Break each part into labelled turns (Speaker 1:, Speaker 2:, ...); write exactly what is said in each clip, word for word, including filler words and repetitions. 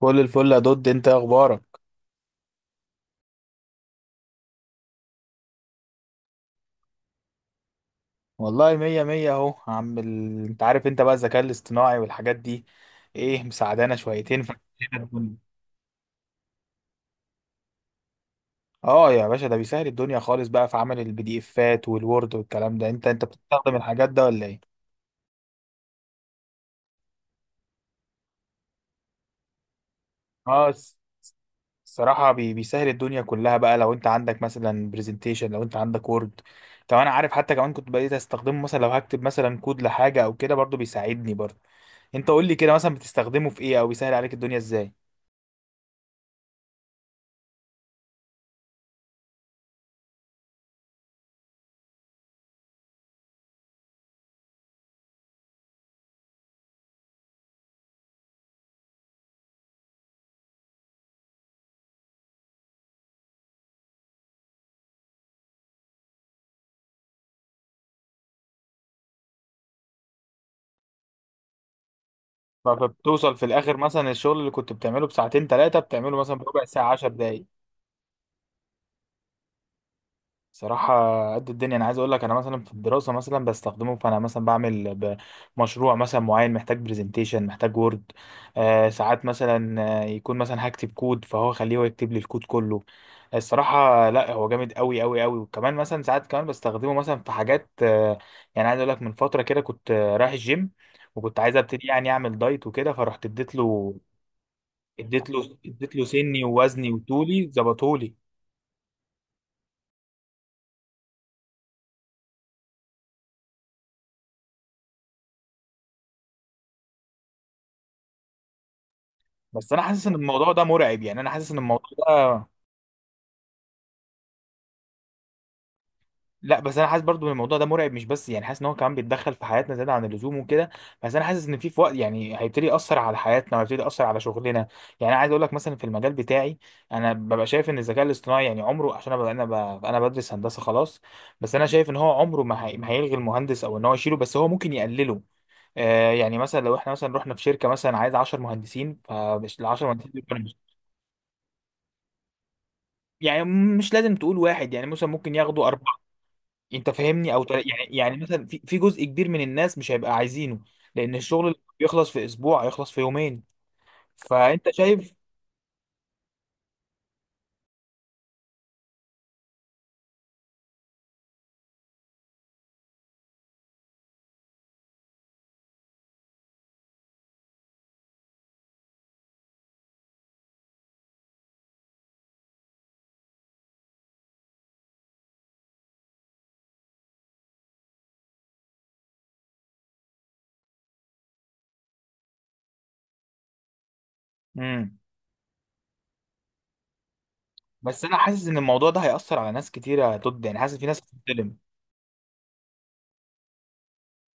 Speaker 1: كل الفل يا دود. انت ايه اخبارك؟ والله مية مية. اهو عم ال... انت عارف، انت بقى الذكاء الاصطناعي والحاجات دي ايه، مساعدانا شويتين في الدنيا. اه يا باشا، ده بيسهل الدنيا خالص بقى في عمل البي دي افات والوورد والكلام ده. انت انت بتستخدم الحاجات ده ولا ايه؟ اه الس- الصراحة بي... بيسهل الدنيا كلها بقى. لو انت عندك مثلا برزنتيشن، لو انت عندك وورد. طب انا عارف، حتى كمان كنت بقيت استخدمه مثلا لو هكتب مثلا كود لحاجة او كده، برضو بيساعدني برضو. انت قول لي كده، مثلا بتستخدمه في ايه، او بيسهل عليك الدنيا ازاي؟ فبتوصل في الاخر مثلا الشغل اللي كنت بتعمله بساعتين ثلاثه بتعمله مثلا بربع ساعه، 10 دقايق. صراحه قد الدنيا. انا عايز اقول لك، انا مثلا في الدراسه مثلا بستخدمه. فانا مثلا بعمل ب- مشروع مثلا معين محتاج برزنتيشن، محتاج وورد. آه، ساعات مثلا، آه، يكون مثلا هكتب كود فهو خليه هو يكتب لي الكود كله. الصراحه لا، هو جامد قوي قوي قوي. وكمان مثلا ساعات كمان بستخدمه مثلا في حاجات. آه يعني عايز اقول لك، من فتره كده كنت آه، رايح الجيم، وكنت عايز ابتدي يعني اعمل دايت وكده، فرحت اديت له. اديت له اديت له سني ووزني وطولي ظبطولي. بس انا حاسس ان الموضوع ده مرعب. يعني انا حاسس ان الموضوع ده، لا بس انا حاسس برضو ان الموضوع ده مرعب. مش بس يعني حاسس ان هو كمان بيتدخل في حياتنا زياده عن اللزوم وكده. بس انا حاسس ان في في وقت يعني هيبتدي ياثر على حياتنا، وهيبتدي ياثر على شغلنا. يعني انا عايز اقول لك مثلا في المجال بتاعي، انا ببقى شايف ان الذكاء الاصطناعي يعني عمره، عشان انا انا ب- أنا بدرس هندسه خلاص. بس انا شايف ان هو عمره ما هي- ما هيلغي المهندس، او ان هو يشيله، بس هو ممكن يقلله. آه، يعني مثلا لو احنا مثلا رحنا في شركه مثلا عايز 10 مهندسين، فمش ال 10 مهندسين دول كانوا- يعني مش لازم تقول واحد، يعني مثلا ممكن ياخدوا اربعه. انت فاهمني؟ او تل- يعني، يعني مثلا في في جزء كبير من الناس مش هيبقى عايزينه، لان الشغل اللي بيخلص في اسبوع هيخلص في يومين. فانت شايف؟ امم. بس انا حاسس ان الموضوع ده هيأثر على ناس كتيره ضد، يعني حاسس في ناس هتتظلم.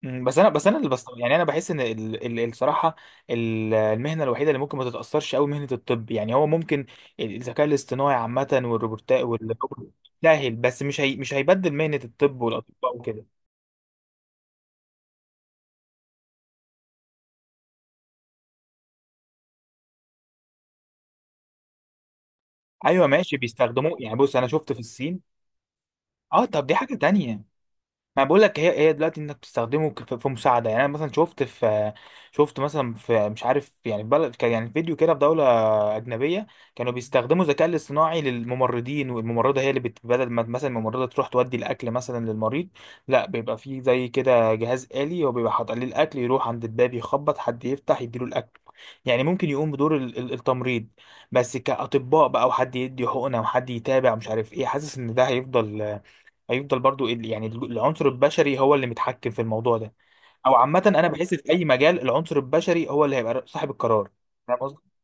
Speaker 1: مم، بس انا بس انا اللي بس يعني انا بحس ان ال- ال- الصراحه، ال- المهنه الوحيده اللي ممكن ما تتاثرش قوي مهنه الطب. يعني هو ممكن الذكاء الاصطناعي عامه والروبوتات والروبوت سهل، بس مش هي مش هيبدل مهنه الطب والاطباء وكده. ايوه ماشي بيستخدموه. يعني بص، انا شفت في الصين. اه طب دي حاجه تانية. ما بقول لك، هي هي دلوقتي انك بتستخدمه ك- في في مساعده. يعني انا مثلا شفت في، شفت مثلا في، مش عارف يعني في بلد كان يعني فيديو كده في دوله اجنبيه، كانوا بيستخدموا الذكاء الاصطناعي للممرضين. والممرضه هي اللي بت- بدل ما مثلا الممرضه تروح تودي الاكل مثلا للمريض، لا بيبقى فيه زي كده جهاز آلي هو بيبقى حاطط عليه الاكل، يروح عند الباب يخبط، حد يفتح يديله الاكل. يعني ممكن يقوم بدور ال- ال- التمريض. بس كاطباء بقى، وحد يدي حقنه، وحد يتابع، مش عارف ايه، حاسس ان ده هيفضل. هيفضل برضو ال- يعني العنصر البشري هو اللي متحكم في الموضوع ده. او عامه انا بحس في اي مجال العنصر البشري هو اللي هيبقى صاحب القرار. فاهم قصدي؟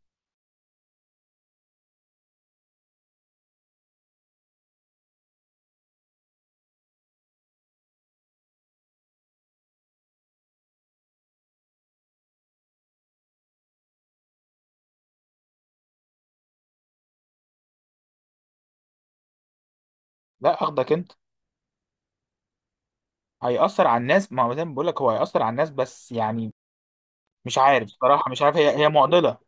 Speaker 1: لا اخدك انت. هيأثر على الناس. ما هو زي ما بقول لك، هو هيأثر على الناس، بس يعني مش عارف صراحة، مش عارف، هي هي معضلة.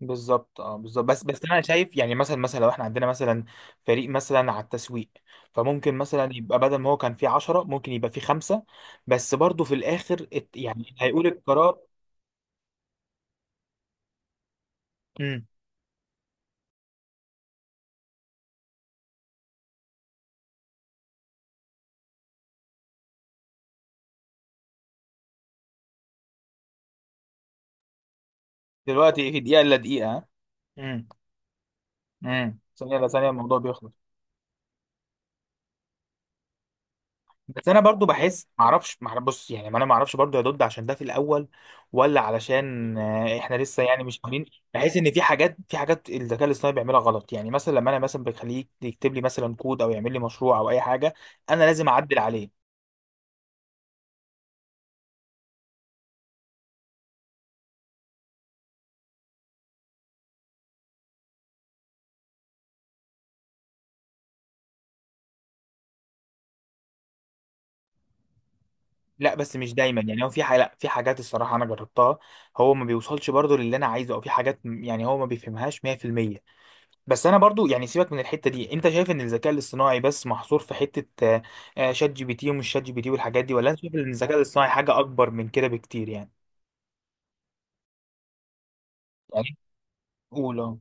Speaker 1: بالظبط، اه بالظبط. بس بس انا شايف، يعني مثلا، مثلا لو احنا عندنا مثلا فريق مثلا على التسويق، فممكن مثلا يبقى بدل ما هو كان فيه عشرة ممكن يبقى فيه خمسة. بس برضه في الاخر ات- يعني هيقول القرار. امم. دلوقتي في دقيقة الا دقيقة، ها؟ إمم. امم، ثانيه لثانيه الموضوع بيخلص. بس انا برضو بحس، ما اعرفش ما أعرف- بص يعني ما انا ما اعرفش برضو يا دود، عشان ده في الاول، ولا علشان آه، احنا لسه يعني مش عارفين. بحس ان في حاجات، في حاجات الذكاء الاصطناعي بيعملها غلط. يعني مثلا لما انا مثلا بخليه يكتب لي مثلا كود، او يعمل لي مشروع، او اي حاجه، انا لازم اعدل عليه. لا بس مش دايما. يعني هو في حاجة، لا في حاجات الصراحه انا جربتها، هو ما بيوصلش برضو للي انا عايزه، او في حاجات م- يعني هو ما بيفهمهاش مية في المية. بس انا برضو يعني سيبك من الحته دي. انت شايف ان الذكاء الاصطناعي بس محصور في حته آه، آه، شات جي بي تي ومش شات جي بي تي والحاجات دي، ولا انت شايف ان الذكاء الاصطناعي حاجه اكبر من كده بكتير يعني؟ يعني قول اه.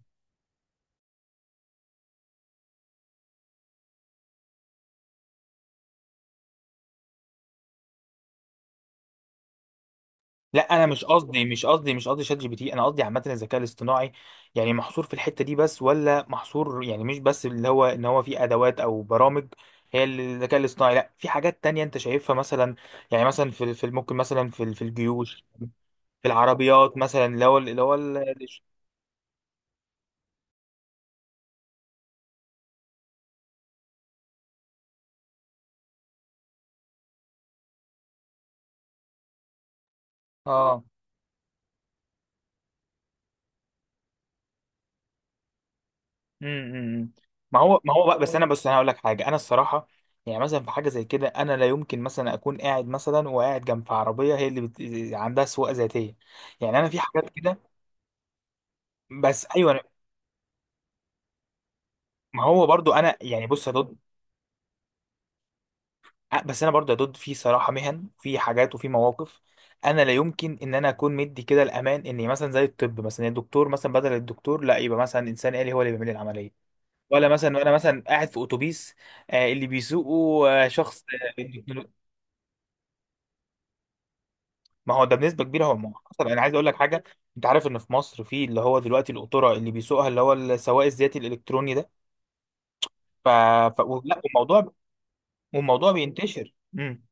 Speaker 1: لا انا مش قصدي مش قصدي مش قصدي شات جي بي تي، انا قصدي عامه الذكاء الاصطناعي، يعني محصور في الحته دي بس، ولا محصور، يعني مش بس اللي هو ان هو في ادوات او برامج هي اللي الذكاء الاصطناعي. لا، في حاجات تانية انت شايفها مثلا؟ يعني مثلا في في ممكن مثلا في في الجيوش، في العربيات مثلا، اللي هو اللي هو ال- اه. امم، امم. ما هو، ما هو بقى، بس انا بس انا هقول لك حاجه، انا الصراحه يعني مثلا في حاجه زي كده انا لا يمكن مثلا اكون قاعد مثلا وقاعد جنب عربيه هي اللي بت... عندها سواقه ذاتيه. يعني انا في حاجات كده. بس ايوه أنا- ما هو برضو انا يعني بص يا دود، أ- بس انا برضو يا دود في صراحه مهن، في حاجات وفي مواقف انا لا يمكن ان انا اكون مدي كده الامان، اني مثلا زي الطب مثلا الدكتور، مثلا بدل الدكتور لا يبقى مثلا انسان آلي هو اللي بيعمل لي العمليه، ولا مثلا انا مثلا قاعد في اتوبيس آه، اللي بيسوقه آه، شخص آه، ما هو ده بنسبة كبيرة هو معقد. أنا عايز أقول لك حاجة، أنت عارف إن في مصر في اللي هو دلوقتي القطورة اللي بيسوقها اللي هو السواق الذاتي الإلكتروني ده؟ ف... ف... لا الموضوع، والموضوع بينتشر. امم.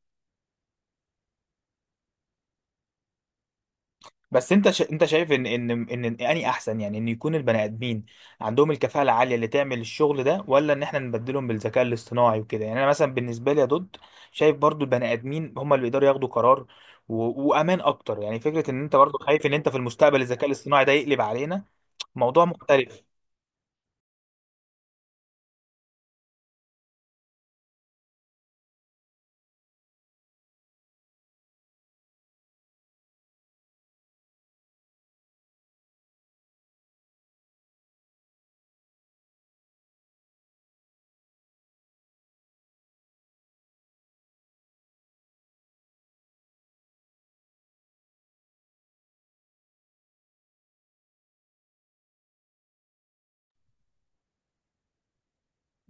Speaker 1: بس أنت ش... أنت شايف إن إن إن أني أحسن، يعني إن يكون البني آدمين عندهم الكفاءة العالية اللي تعمل الشغل ده، ولا إن إحنا نبدلهم بالذكاء الاصطناعي وكده؟ يعني أنا مثلا بالنسبة لي يا ضد، شايف برضو البني آدمين هم اللي يقدروا ياخدوا قرار، و... وأمان أكتر. يعني فكرة إن أنت برضو خايف إن أنت في المستقبل الذكاء الاصطناعي ده يقلب علينا، موضوع مختلف.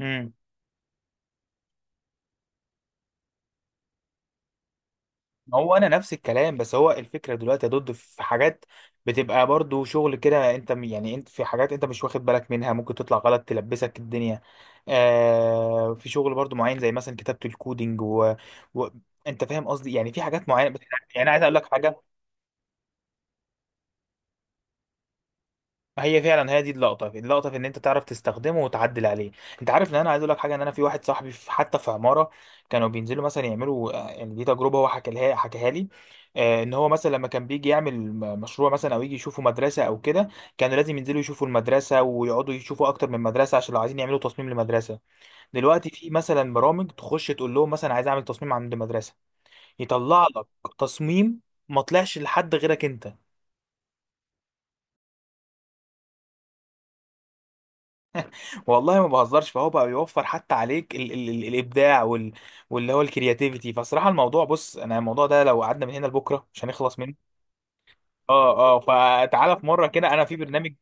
Speaker 1: امم. ما هو انا نفس الكلام، بس هو الفكره دلوقتي يا دود في حاجات بتبقى برضو شغل كده انت م- يعني انت في حاجات انت مش واخد بالك منها، ممكن تطلع غلط تلبسك الدنيا. آه، في شغل برضو معين زي مثلا كتابه الكودينج و... و... انت فاهم قصدي، يعني في حاجات معينه بت... يعني عايز اقول لك حاجه، هي فعلا هي دي اللقطه، اللقطه في ان انت تعرف تستخدمه وتعدل عليه. انت عارف ان انا عايز اقول لك حاجه، ان انا في واحد صاحبي في حتى في عماره، كانوا بينزلوا مثلا يعملوا آه، يعني دي تجربه هو حكى لها حكاها لي. آه، ان هو مثلا لما كان بيجي يعمل م- مشروع مثلا، او يجي يشوفوا مدرسه او كده، كانوا لازم ينزلوا يشوفوا المدرسه، ويقعدوا يشوفوا اكتر من مدرسه عشان لو عايزين يعملوا تصميم لمدرسه. دلوقتي في مثلا برامج تخش تقول لهم مثلا عايز اعمل تصميم عند مدرسه، يطلع لك تصميم ما طلعش لحد غيرك انت. والله ما بهزرش. فهو بقى يوفر حتى عليك ال ال ال الابداع وال واللي هو الكرياتيفيتي. فصراحه الموضوع، بص انا الموضوع ده لو قعدنا من هنا لبكره مش هنخلص منه. اه اه، فتعالى في مره كده، انا في برنامج.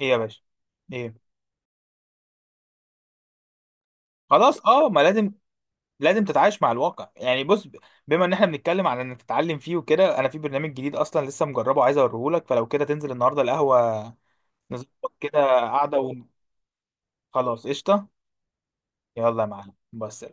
Speaker 1: ايه يا باشا؟ ايه؟ خلاص اه، ما لازم، لازم تتعايش مع الواقع. يعني بص ب- بما ان احنا بنتكلم على انك تتعلم فيه وكده، انا في برنامج جديد اصلا لسه مجربه، عايز اوريهولك. فلو كده تنزل النهارده القهوه، نظبط كده قعده و- خلاص قشطه. يلا يا معلم بس.